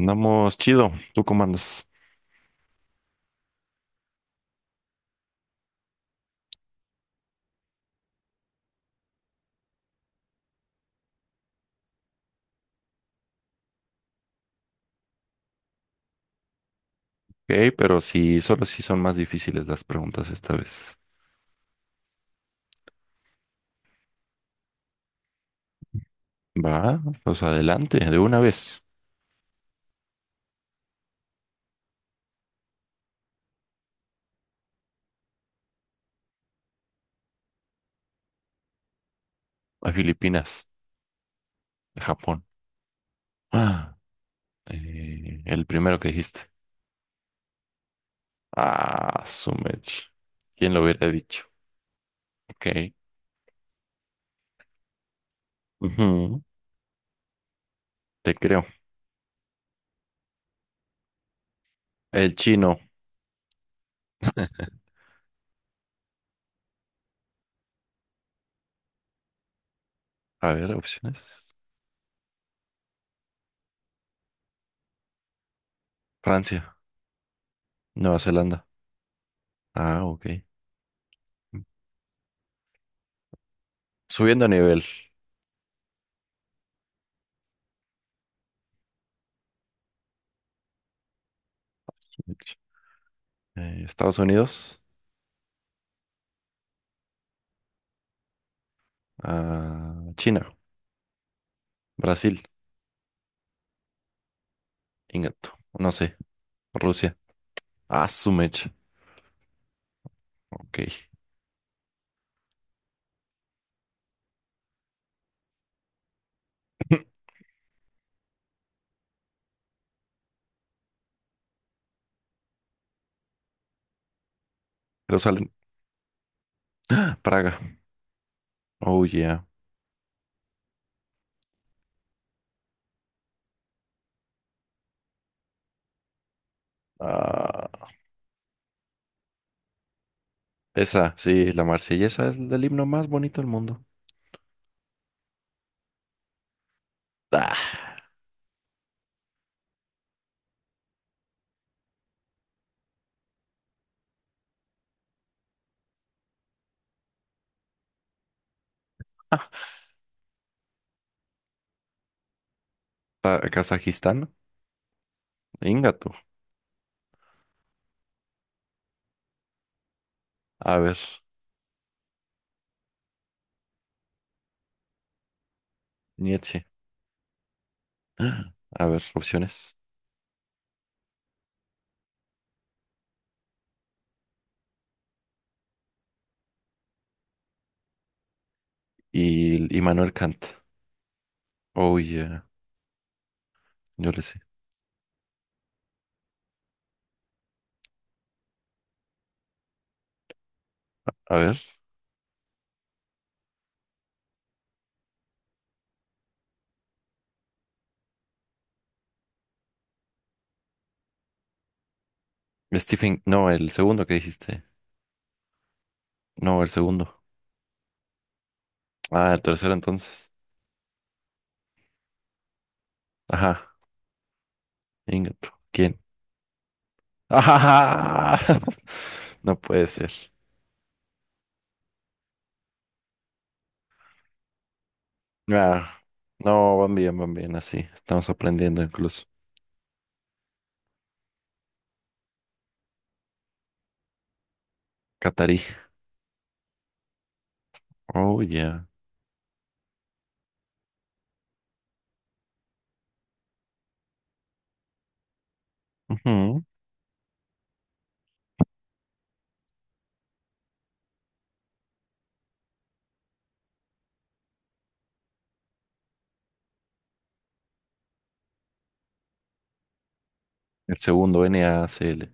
Andamos chido, tú comandas. Ok, pero sí, solo si son más difíciles las preguntas esta vez. Va, pues adelante, de una vez. A Filipinas, a Japón. Ah, el primero que dijiste. Ah, Sumech. ¿Quién lo hubiera dicho? Ok. Ujú, te creo. El chino. A ver, opciones. Francia, Nueva Zelanda. Ah, ok. Subiendo a nivel. Estados Unidos, ah, China, Brasil. Ingato. No sé. Rusia. Ah, su mecha. Ok. Jerusalén. Praga. Oh, yeah. Ah, esa, sí, la Marsellesa es el himno más bonito del mundo. Ah, Kazajistán. Ingato. A ver. Nietzsche. A ver, opciones. Y Manuel Kant. Oh, yeah. Yo le sé. A ver. Stephen. No, el segundo que dijiste. No, el segundo. Ah, el tercero entonces. Ajá. Ingato. ¿Quién? Ah, no puede ser. Ah, no, van bien, así. Estamos aprendiendo incluso. Catarí. Oh, yeah. Ujú. El segundo NACL.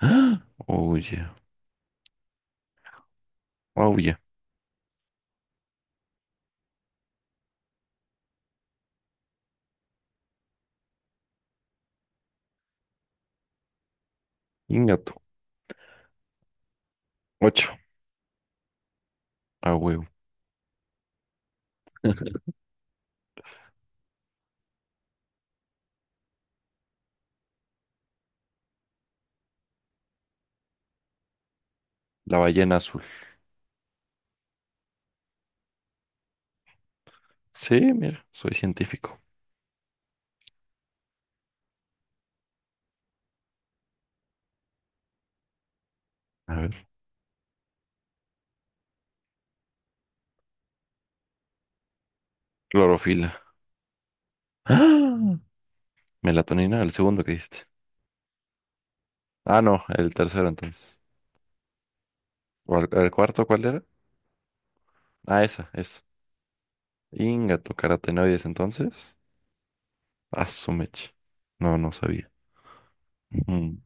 Ah, Oh, yeah. Oh, yeah. Ingato. Ocho. A huevo. La ballena azul. Sí, mira, soy científico. A ver. Clorofila. Ah, Melatonina, el segundo que diste. Ah, no, el tercero entonces. ¿O el cuarto cuál era? Ah, esa, eso. Ingato, carotenoides entonces. Ah, su mecha. No, no sabía. Ujú.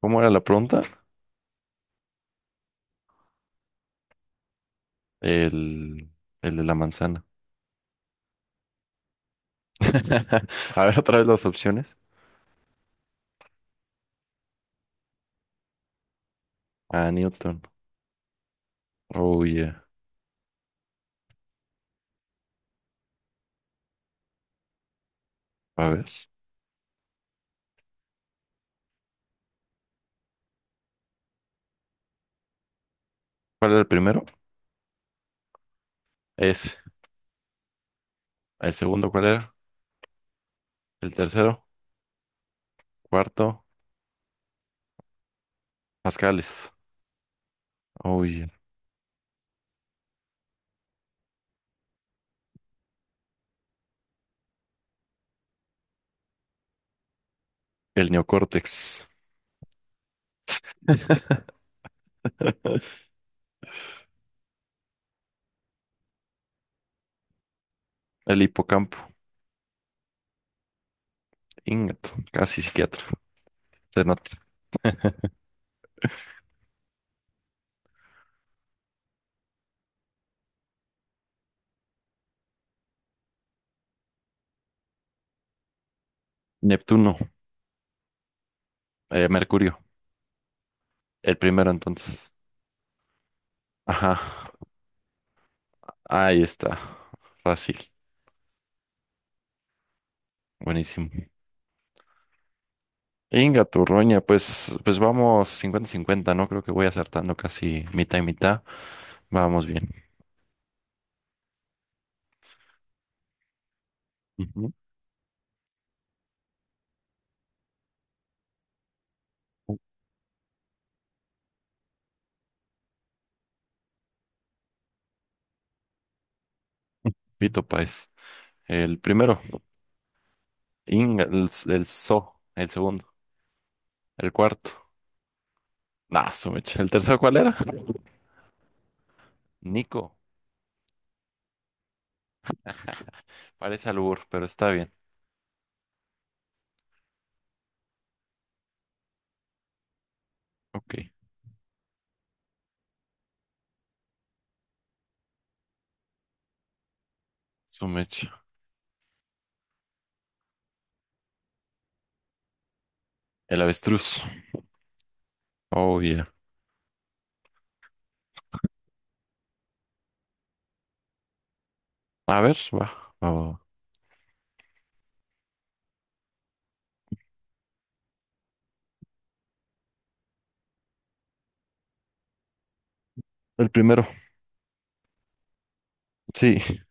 ¿Cómo era la pregunta? El, el de la manzana. A ver, otra vez las opciones. Ah, Newton. Oh, yeah. A ver. ¿Cuál era el primero? Es. ¿El segundo cuál era? El tercero. Cuarto. Pascales. Oh, yeah. El neocórtex. El hipocampo. Ingato. Casi psiquiatra. Se nota. Neptuno. Mercurio. El primero entonces. Ajá. Ahí está. Fácil. Buenísimo. Inga Turroña, pues vamos 50-50, ¿no? Creo que voy acertando casi mitad y mitad. Vamos bien. Ujú. Vito Páez. El primero. Inga, el So. El segundo. El cuarto. Nah, Sumecha. ¿El tercero cuál era? Nico. Parece albur, pero está bien. Ok. Sumecha. El avestruz. Oh, yeah. A ver, va. Va, va, va. El primero. Sí.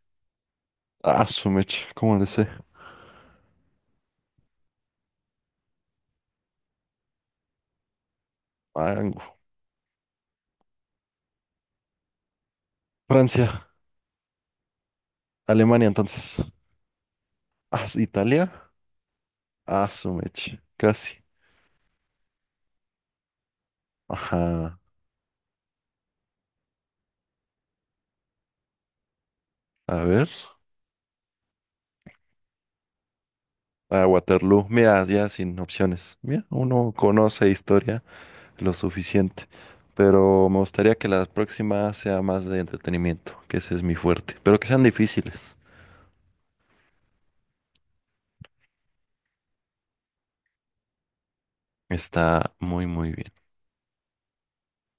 Ah, Sumecha. ¿Cómo le sé? Mango. Francia. Alemania, entonces. Ah, Italia. Ah, su mecha. Casi. Ajá. A ver. A Waterloo. Mira, ya sin opciones. Mira, uno conoce historia lo suficiente. Pero me gustaría que la próxima sea más de entretenimiento, que ese es mi fuerte. Pero que sean difíciles. Está muy, muy bien.